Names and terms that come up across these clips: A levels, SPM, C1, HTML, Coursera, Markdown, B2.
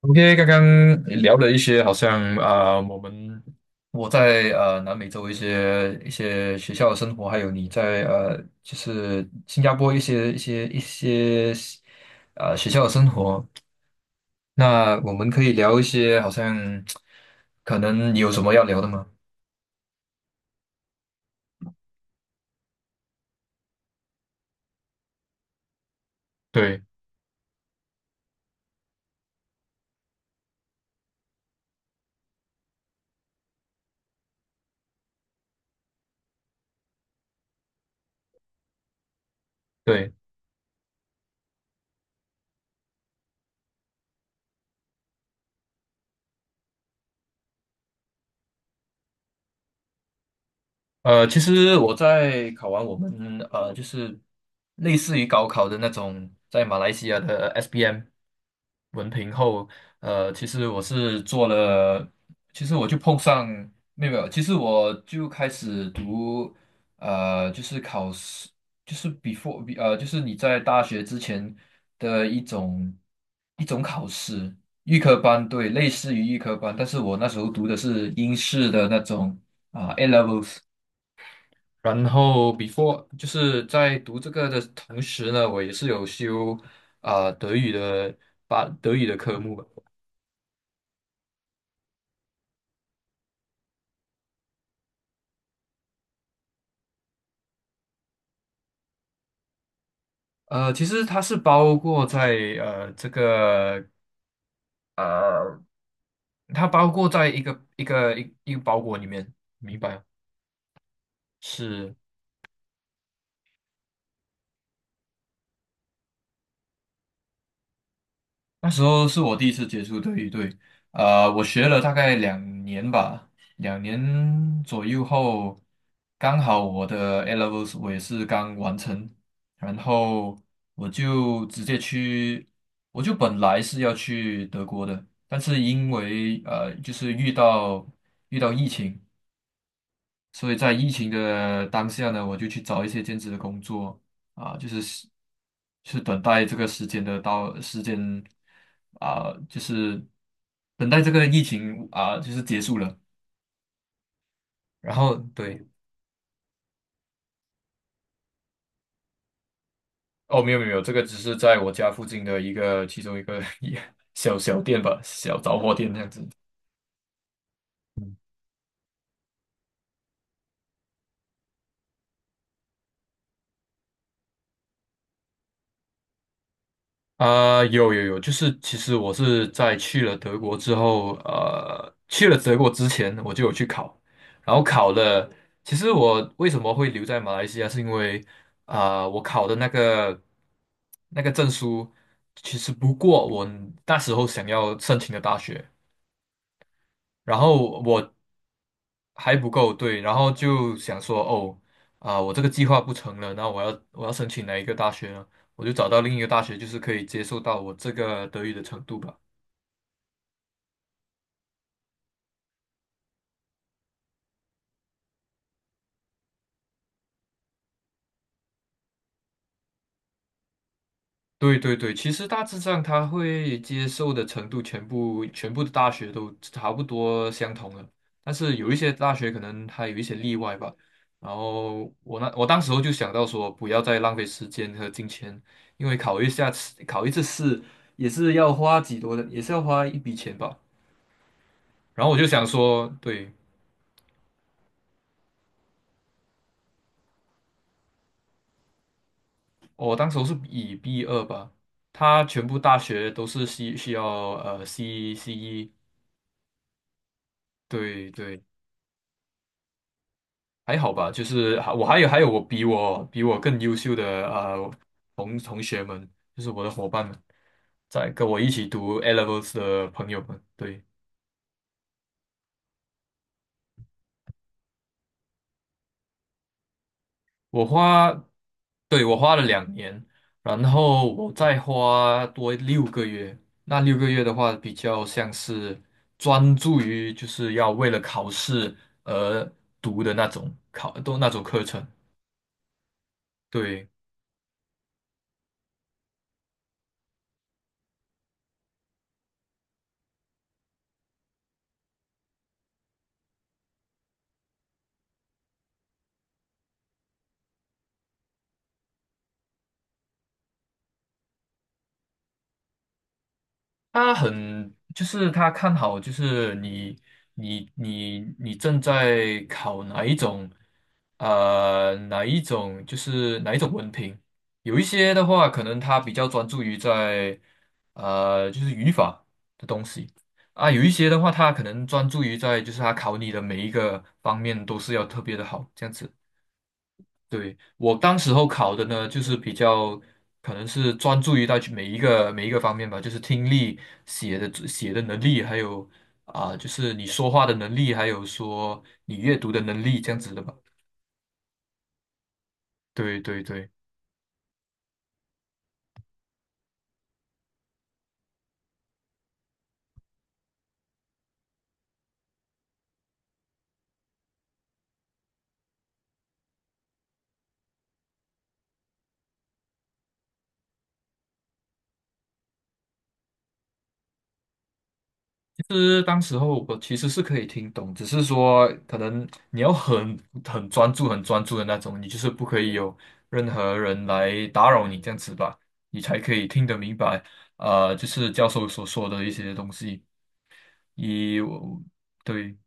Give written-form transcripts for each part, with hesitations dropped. OK，刚刚聊了一些，好像我在南美洲一些学校的生活，还有你在就是新加坡一些学校的生活。那我们可以聊一些，好像可能你有什么要聊的吗？对对。其实我在考完就是类似于高考的那种，在马来西亚的 SPM 文凭后，其实我是做了，其实我就碰上没有没有其实我就开始读，就是考试，就是 before 就是你在大学之前的一种考试，预科班，对，类似于预科班，但是我那时候读的是英式的那种啊，A levels。然后 before 就是在读这个的同时呢，我也是有修德语的把德语的科目吧。其实它是包括在呃这个呃，它包括在一个包裹里面，明白吗？是。那时候是我第一次接触对语，对，我学了大概两年吧，两年左右后，刚好我的 A levels 我也是刚完成，然后我就直接去，我就本来是要去德国的，但是因为就是遇到疫情，所以在疫情的当下呢，我就去找一些兼职的工作啊，就是是等待这个时间的到时间啊，就是等待这个疫情啊，就是结束了。然后对，哦，没有没有，没有这个只是在我家附近的其中一个 一小小店吧，小杂货店这样子。有有有，就是其实我是在去了德国之后，去了德国之前我就有去考，然后考了。其实我为什么会留在马来西亚，是因为我考的那个证书其实不过我那时候想要申请的大学，然后我还不够，对，然后就想说，哦，我这个计划不成了，那我要申请哪一个大学呢？我就找到另一个大学，就是可以接受到我这个德语的程度吧。对对对，其实大致上他会接受的程度，全部的大学都差不多相同了，但是有一些大学可能它有一些例外吧。然后我当时候就想到说，不要再浪费时间和金钱，因为考一下次考一次试也是要花几多的，也是要花一笔钱吧。然后我就想说，对，我当时候是以 B2吧，他全部大学都是需要CCE，对对。还好吧，就是还有我比我比我更优秀的呃同学们，就是我的伙伴们，在跟我一起读 e levels 的朋友们，对，我花，对，我花了两年，然后我再花多六个月，那六个月的话比较像是专注于就是要为了考试而读的那种考都那种课程，对。他很，就是他看好，就是你正在考哪一种，就是哪一种文凭。有一些的话，可能他比较专注于在，就是语法的东西啊。有一些的话，他可能专注于在，就是他考你的每一个方面都是要特别的好，这样子。对，我当时候考的呢，就是比较可能是专注于到去每一个方面吧，就是听力、写的能力，还有就是你说话的能力，还有说你阅读的能力这样子的吧。对对对，其实当时候我其实是可以听懂，只是说可能你要很专注、很专注的那种，你就是不可以有任何人来打扰你这样子吧，你才可以听得明白，就是教授所说的一些东西。我对，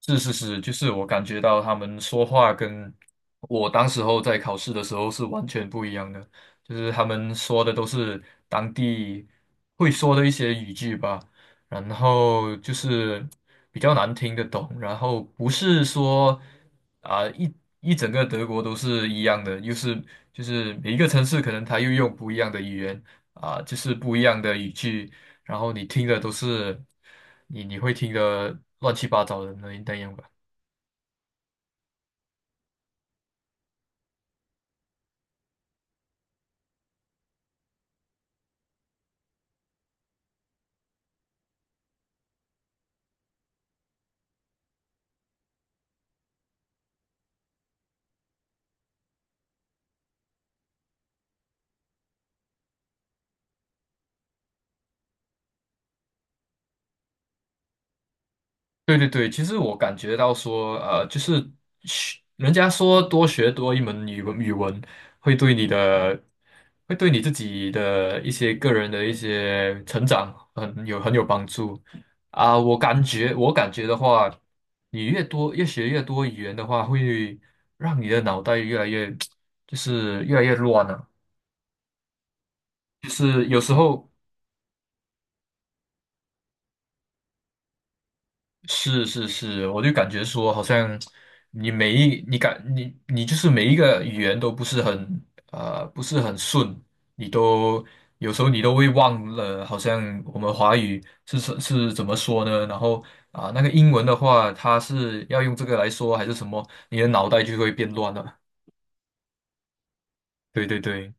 是是是，就是我感觉到他们说话跟我当时候在考试的时候是完全不一样的，就是他们说的都是当地会说的一些语句吧，然后就是比较难听得懂，然后不是说啊、一一整个德国都是一样的，又是就是每一个城市可能它又用不一样的语言就是不一样的语句。然后你听的都是你会听的乱七八糟的那样吧。对对对，其实我感觉到说，就是学人家说多学多一门语文，语文会对你的，会对你自己的一些个人的一些成长很有帮助啊。我感觉的话，你越学越多语言的话，会让你的脑袋越来越 就是越来越乱了、就是有时候。是是是，我就感觉说，好像你就是每一个语言都不是很不是很顺，你都有时候你都会忘了，好像我们华语是怎么说呢？然后那个英文的话，它是要用这个来说还是什么？你的脑袋就会变乱了。对对对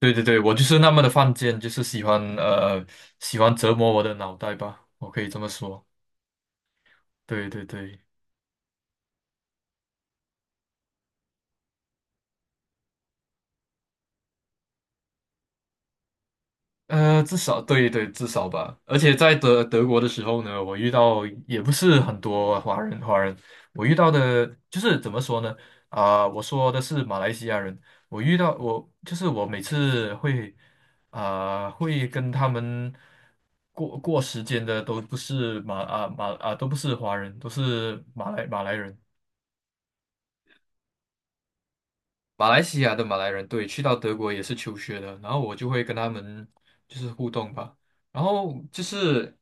对对对，我就是那么的犯贱，就是喜欢折磨我的脑袋吧，我可以这么说。对对对。至少对对，至少吧。而且在德国的时候呢，我遇到也不是很多华人，华人我遇到的就是怎么说呢？我说的是马来西亚人，我遇到我就是我每次会会跟他们过时间的都不是马啊马啊都不是华人，都是马来人，马来西亚的马来人。对，去到德国也是求学的，然后我就会跟他们就是互动吧。然后就是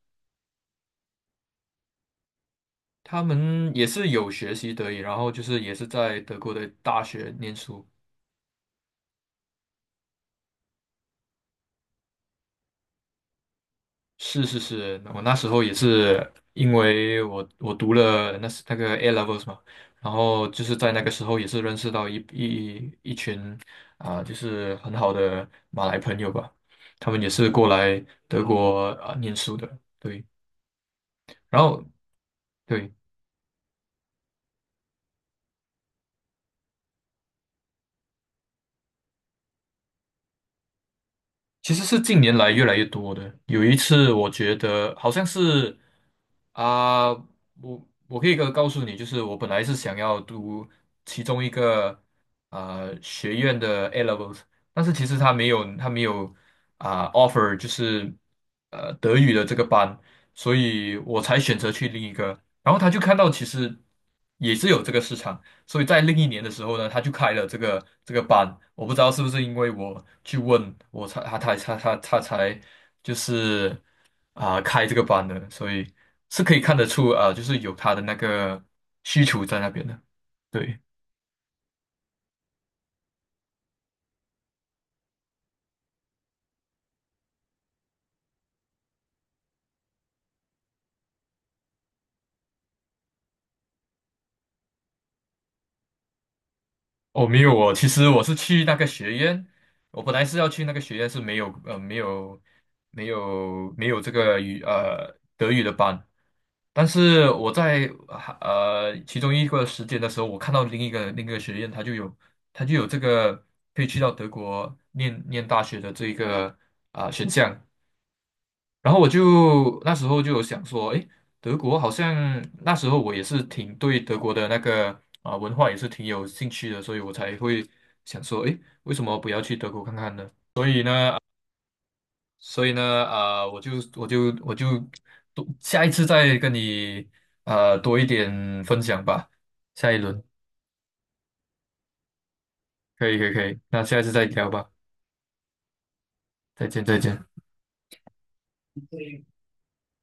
他们也是有学习德语，然后就是也是在德国的大学念书。是是是，我那时候也是因为我读了那个 A levels 嘛，然后就是在那个时候也是认识到一群就是很好的马来朋友吧，他们也是过来德国念书的，对，然后对，其实是近年来越来越多的。有一次我觉得好像是。啊，我可以告诉你，就是我本来是想要读其中一个学院的 A levels，但是其实他没有offer 就是德语的这个班，所以我才选择去另一个。然后他就看到其实也是有这个市场，所以在另一年的时候呢，他就开了这个班。我不知道是不是因为我去问，他才就是。开这个班的，所以是可以看得出就是有他的那个需求在那边的。对，哦，没有哦，其实我是去那个学院，我本来是要去那个学院是没有这个德语的班，但是我在其中一个时间的时候，我看到另一个学院，他就有这个可以去到德国念大学的这一个选项。然后我就那时候就有想说，诶，德国好像那时候我也是挺对德国的那个文化也是挺有兴趣的，所以我才会想说，诶，为什么不要去德国看看呢？所以呢，我就多下一次再跟你多一点分享吧，下一轮可以可以可以，那下一次再聊吧，再见再见。